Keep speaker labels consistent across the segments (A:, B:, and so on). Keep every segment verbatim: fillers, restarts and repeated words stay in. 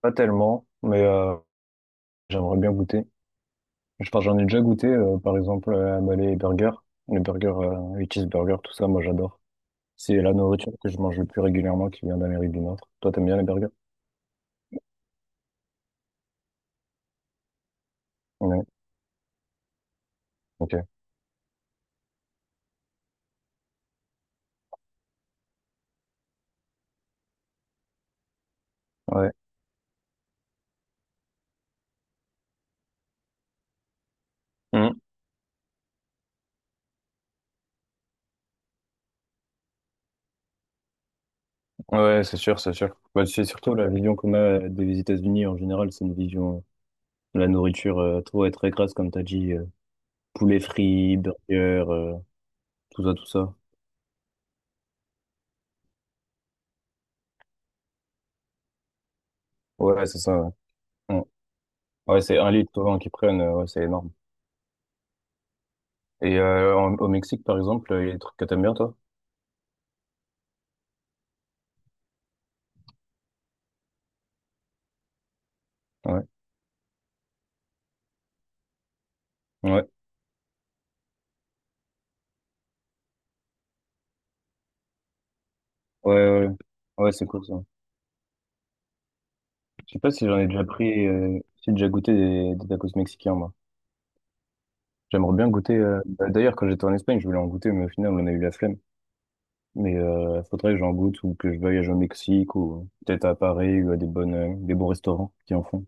A: Pas tellement, mais euh, j'aimerais bien goûter. Enfin, j'en ai déjà goûté, euh, par exemple, euh, à Malais et Burger. Les burgers, euh, les cheeseburgers, tout ça, moi j'adore. C'est la nourriture que je mange le plus régulièrement qui vient d'Amérique du Nord. Toi, t'aimes bien les burgers? Ouais, ok. Ouais. Mhm. Ouais, c'est sûr, c'est sûr. Bah, c'est surtout la vision qu'on a euh, des États-Unis en général, c'est une vision euh, de la nourriture euh, trop et très grasse, comme t'as dit, euh, poulet frit, burger, euh, tout ça, tout ça. Ouais, c'est ça. Ouais, ouais, c'est un litre souvent qu'ils prennent, euh, ouais, c'est énorme. Et euh, en- au Mexique, par exemple, il y a des trucs que t'aimes bien, toi? Ouais. Ouais. Ouais, ouais. Ouais, ouais, c'est cool ça. Je sais pas si j'en ai déjà pris, euh, si j'ai déjà goûté des, des tacos mexicains, moi. J'aimerais bien goûter. Euh, bah, d'ailleurs, quand j'étais en Espagne, je voulais en goûter, mais au final, on a eu la flemme. Mais euh, faudrait que j'en goûte ou que je voyage au Mexique ou peut-être à Paris ou à des bonnes, euh, des bons restaurants qui en font.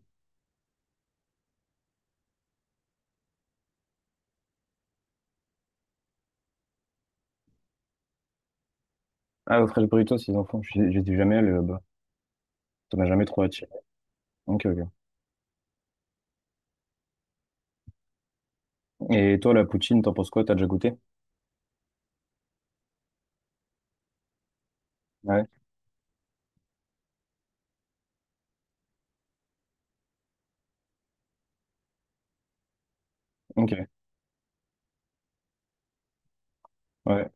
A: Ah, au Fresh Burritos, ils en font. J'ai- J'étais jamais allé là-bas. Ça m'a jamais trop attiré. Ok, ok. Et toi, la poutine, t'en penses quoi? T'as déjà goûté? Ouais. Ok. Ouais.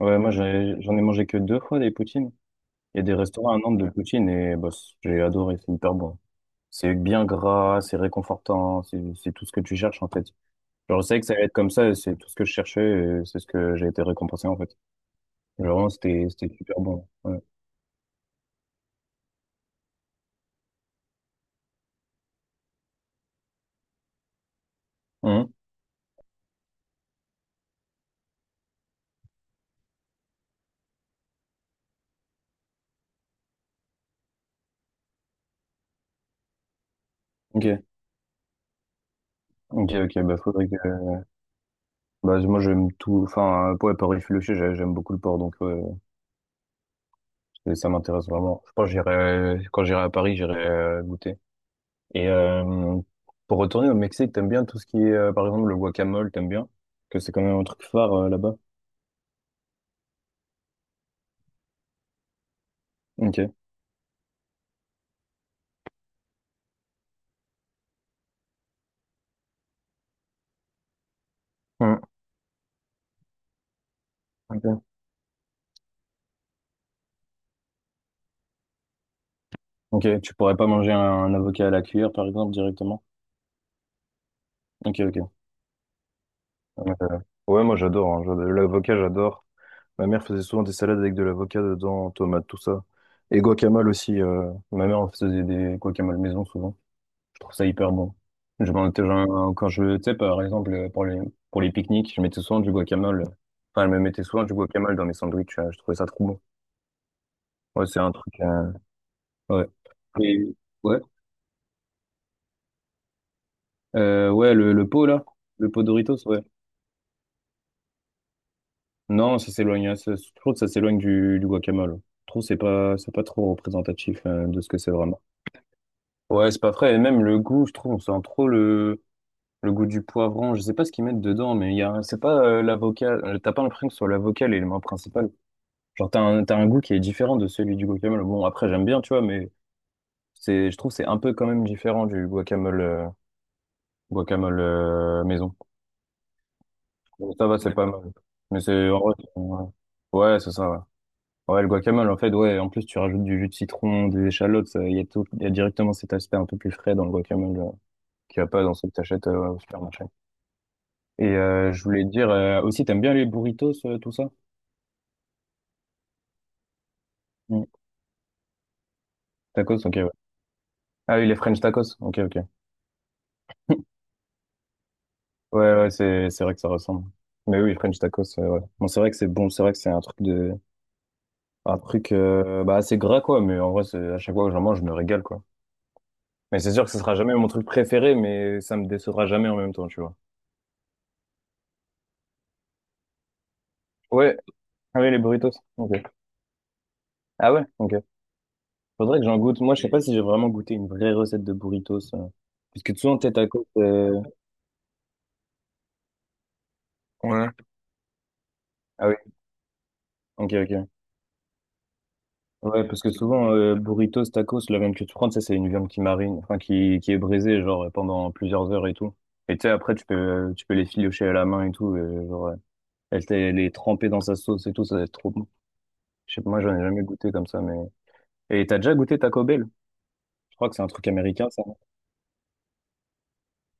A: Ouais, moi, j'ai- j'en ai mangé que deux fois des poutines. Il y a des restaurants à Nantes de poutine et bah, c- j'ai adoré, c'est hyper bon. C'est bien gras, c'est réconfortant, c'est c'est tout ce que tu cherches en fait. Genre, je savais que ça allait être comme ça et c'est tout ce que je cherchais et c'est ce que j'ai été récompensé en fait. Genre, vraiment, c'était c'était super bon. Ouais. Mhm. Ok, ok, ok, bah faudrait que... Bah moi j'aime tout, enfin, euh, ouais, Paris filoché, j'aime beaucoup le porc donc ouais, ça m'intéresse vraiment. Je pense que j'irai, quand j'irai à Paris, j'irai euh, goûter. Et euh, pour retourner au Mexique, t'aimes bien tout ce qui est, euh, par exemple, le guacamole, t'aimes bien? Que c'est quand même un truc phare euh, là-bas. Ok. Hmm, ok. Ok. Tu pourrais pas manger un, un avocat à la cuillère, par exemple, directement? Ok, ok. Euh, Ouais, moi j'adore, hein. J'adore- L'avocat, j'adore. Ma mère faisait souvent des salades avec de l'avocat dedans, tomates, tout ça. Et guacamole aussi. euh, ma mère en faisait des guacamole maison souvent. Je trouve ça hyper bon. Je m'en étais- j'en- quand je, tu sais, par exemple, euh, pour les, pour les pique-niques, je mettais souvent du guacamole. Enfin, je me mettais souvent du guacamole dans mes sandwichs. euh, Je trouvais ça trop bon. Ouais, c'est un truc, euh, ouais. Et, ouais. Euh, ouais, le, le pot, là. Le pot Doritos, ouais. Non, ça s'éloigne, hein, ça- je trouve que ça s'éloigne du, du guacamole. Je trouve que c'est pas, c'est pas trop représentatif, euh, de ce que c'est vraiment. Ouais, c'est pas frais. Et même le goût, je trouve, on sent trop le, le goût du poivron. Je sais pas ce qu'ils mettent dedans, mais il y a, c'est pas, euh, l'avocat. euh, T'as pas l'impression que ce soit l'avocat l'élément principal. Genre, t'as un, t'as un goût qui est différent de celui du guacamole. Bon, après, j'aime bien, tu vois, mais c'est, je trouve que c'est un peu quand même différent du guacamole, euh, guacamole euh, maison. Donc, ça va, c'est pas. D'accord. mal. Mais c'est, en vrai, c'est- ouais, Ouais, c'est ça, ouais. Ouais, le guacamole, en fait, ouais, en plus, tu rajoutes du jus de citron, des échalotes, ça, il y a tout, il y a directement cet aspect un peu plus frais dans le guacamole, euh, qu'il n'y a pas dans ce que t'achètes euh, au supermarché. Et euh, je voulais te dire, euh, aussi, t'aimes bien les burritos, euh, tout ça? Mm. Tacos, ok, ouais. Ah oui, les French tacos, ok, ok. Ouais, ouais, c'est, c'est vrai que ça ressemble. Mais oui, French tacos, euh, ouais. Bon, c'est vrai que c'est bon, c'est vrai que c'est un truc de, un truc, euh, bah, assez gras, quoi, mais en vrai, c'est, à chaque fois que j'en mange, je me régale, quoi. Mais c'est sûr que ce sera jamais mon truc préféré, mais ça me décevra jamais en même temps, tu vois. Ouais. Ah oui, les burritos. Ok. Ah ouais? Ok. Faudrait que j'en goûte. Moi, je sais pas si j'ai vraiment goûté une vraie recette de burritos, euh. Parce que souvent, tes tacos, euh... Ouais. ah oui. Ok, ok. Ouais, parce que souvent, euh, burritos, tacos, la viande que tu prends, tu sais, c'est une viande qui marine, enfin, qui, qui est brisée, genre, pendant plusieurs heures et tout. Et tu sais, après, tu peux, tu peux les filocher à la main et tout, et, genre, euh, elle, t'est- elle est trempée dans sa sauce et tout, ça va être trop bon. Je sais pas, moi, j'en ai jamais goûté comme ça, mais. Et t'as déjà goûté Taco Bell? Je crois que c'est un truc américain, ça. non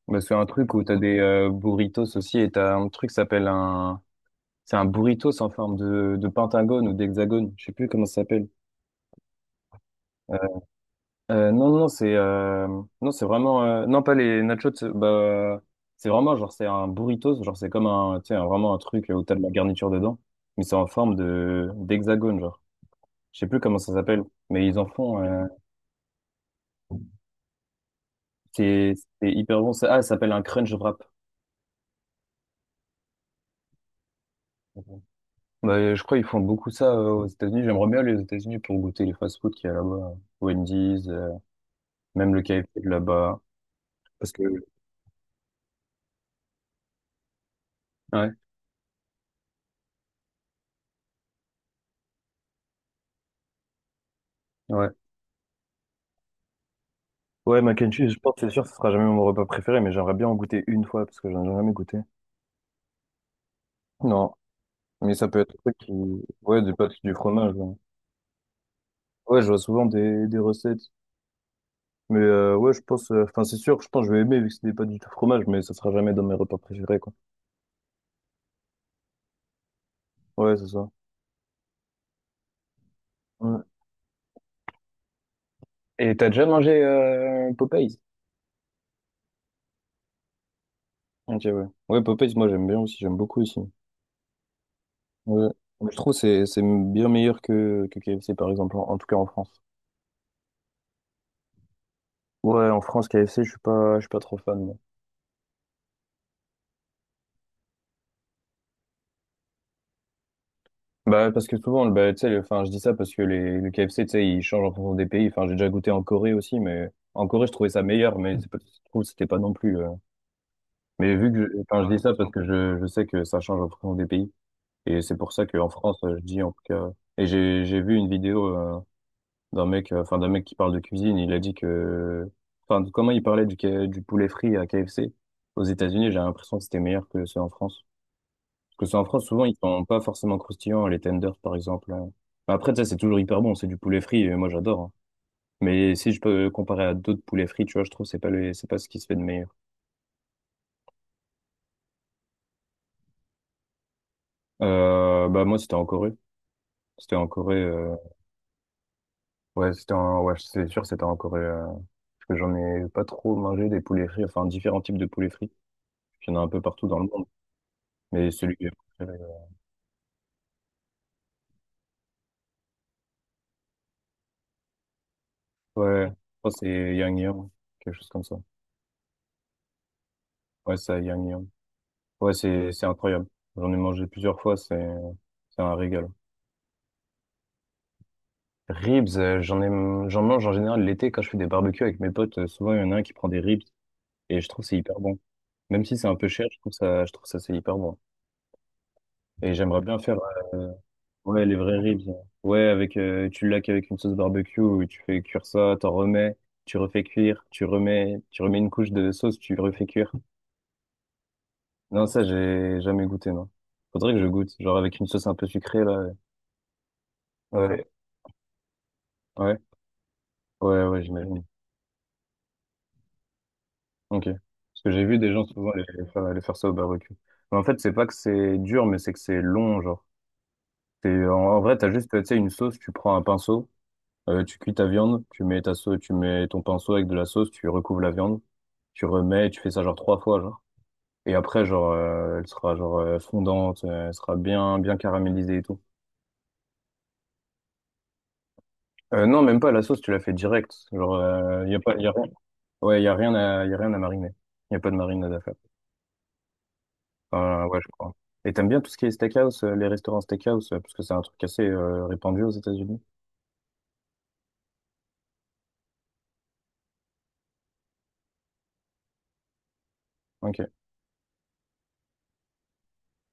A: Bah, c'est un truc où t'as des euh, burritos aussi, et t'as un truc qui s'appelle un. C'est un burritos en forme de, de pentagone ou d'hexagone, je sais plus comment ça s'appelle. Euh, Euh, non, non, non, c'est euh, non, c'est vraiment euh, non pas les nachos. c'est- Bah, euh, c'est vraiment genre c'est un burritos, genre c'est comme un tu sais un- vraiment un truc où t'as de la garniture dedans, mais c'est en forme de d'hexagone genre. Je sais plus comment ça s'appelle, mais ils en font. euh, c'est c'est hyper bon. Ça- Ah, ça s'appelle un crunch wrap. Bah, euh, je crois qu'ils font beaucoup ça euh, aux États-Unis. J'aimerais bien aller aux États-Unis pour goûter les fast-food qu'il y a là-bas, hein. Wendy's, euh, même le K F C de là-bas. Parce que ouais, ouais. Ouais, mac and cheese, je pense, que c'est sûr, ce sera jamais mon repas préféré, mais j'aimerais bien en goûter une fois parce que j'en ai jamais goûté. Non, mais ça peut être un truc qui... Ouais, des pâtes, du fromage. Ouais, ouais, je vois souvent des, des recettes. Mais euh, ouais, je pense... euh, Enfin, c'est sûr, je pense que je vais aimer vu que c'est des pâtes du tout fromage, mais ça sera jamais dans mes repas préférés, quoi. Ouais, c'est ça. Ouais. Et t'as déjà mangé euh, Popeyes? Ok, ouais. Ouais, Popeyes, moi, j'aime bien aussi, j'aime beaucoup aussi. Ouais. Je trouve que c'est c'est bien meilleur que, que K F C, par exemple, en, en tout cas en France. Ouais, en France, K F C, je suis pas, je suis pas trop fan. Bah, parce que souvent, le- bah, tu sais, le- enfin, je dis ça parce que les, le K F C, tu sais, il change en fonction des pays. Enfin, j'ai déjà goûté en Corée aussi, mais en Corée, je trouvais ça meilleur, mais c'est pas, je trouve que c'était pas non plus. euh. Mais vu que, je- enfin, je dis ça parce que je, je sais que ça change en fonction des pays. Et c'est pour ça qu'en France, euh, je dis en tout cas. Et j'ai, j'ai vu une vidéo euh, d'un mec, euh, enfin, d'un mec qui parle de cuisine. Il a dit que, enfin, comment il parlait du, K- du poulet frit à K F C aux États-Unis, j'ai l'impression que c'était meilleur que ceux en France. Parce que c'est en France, souvent, ils sont pas forcément croustillants, les tenders, par exemple. hein. Enfin, Après, ça, c'est toujours hyper bon, c'est du poulet frit, et moi, j'adore. hein. Mais si je peux euh, comparer à d'autres poulets frits, tu vois, je trouve que c'est pas le, c'est pas ce qui se fait de meilleur. Euh, bah, moi, c'était en Corée. C'était en Corée, euh, ouais, c'était en, ouais, c'est sûr, c'était en Corée, euh, parce que j'en ai pas trop mangé des poulets frits, enfin, différents types de poulets frits. Il y en a un peu partout dans le monde. Mais celui que j'ai préféré, euh, ouais, je crois que c'est Yangyang, quelque chose comme ça. Ouais, ça à Yangyang. Ouais, c'est c'est incroyable. J'en ai mangé plusieurs fois, c'est c'est un régal. Ribs, euh, j'en ai, j'en mange en général l'été quand je fais des barbecues avec mes potes. euh, souvent, il y en a un qui prend des ribs et je trouve que c'est hyper bon. Même si c'est un peu cher, je trouve ça, je trouve ça c'est hyper bon. Et j'aimerais bien faire euh, ouais les vrais ribs. Ouais, avec euh, tu laques avec une sauce barbecue, où tu fais cuire ça, t'en remets, tu refais cuire, tu remets, tu remets, une couche de sauce, tu refais cuire. Non, ça j'ai jamais goûté, non. Faudrait que je goûte, genre avec une sauce un peu sucrée là. Ouais, ouais, Ouais, ouais, j'imagine. Ok. Parce que j'ai vu des gens souvent aller faire, aller faire ça au barbecue. Mais en fait, c'est pas que c'est dur, mais c'est que c'est long, genre. C'est, en, en vrai, t'as juste, tu sais, une sauce, tu prends un pinceau, euh, tu cuis ta viande, tu mets ta sauce, tu mets ton pinceau avec de la sauce, tu recouvres la viande, tu remets, tu fais ça genre trois fois, genre. Et après, genre, euh, elle sera genre euh, fondante, euh, elle sera bien, bien caramélisée et tout. Euh, non, même pas, la sauce, tu la fais direct. Genre, il y a pas, y a rien. Ouais, y a rien à, y a rien à mariner. Y a pas de marinade à faire. Euh, ouais, je crois. Et t'aimes bien tout ce qui est steakhouse, euh, les restaurants steakhouse, euh, parce que c'est un truc assez euh, répandu aux États-Unis. Ok.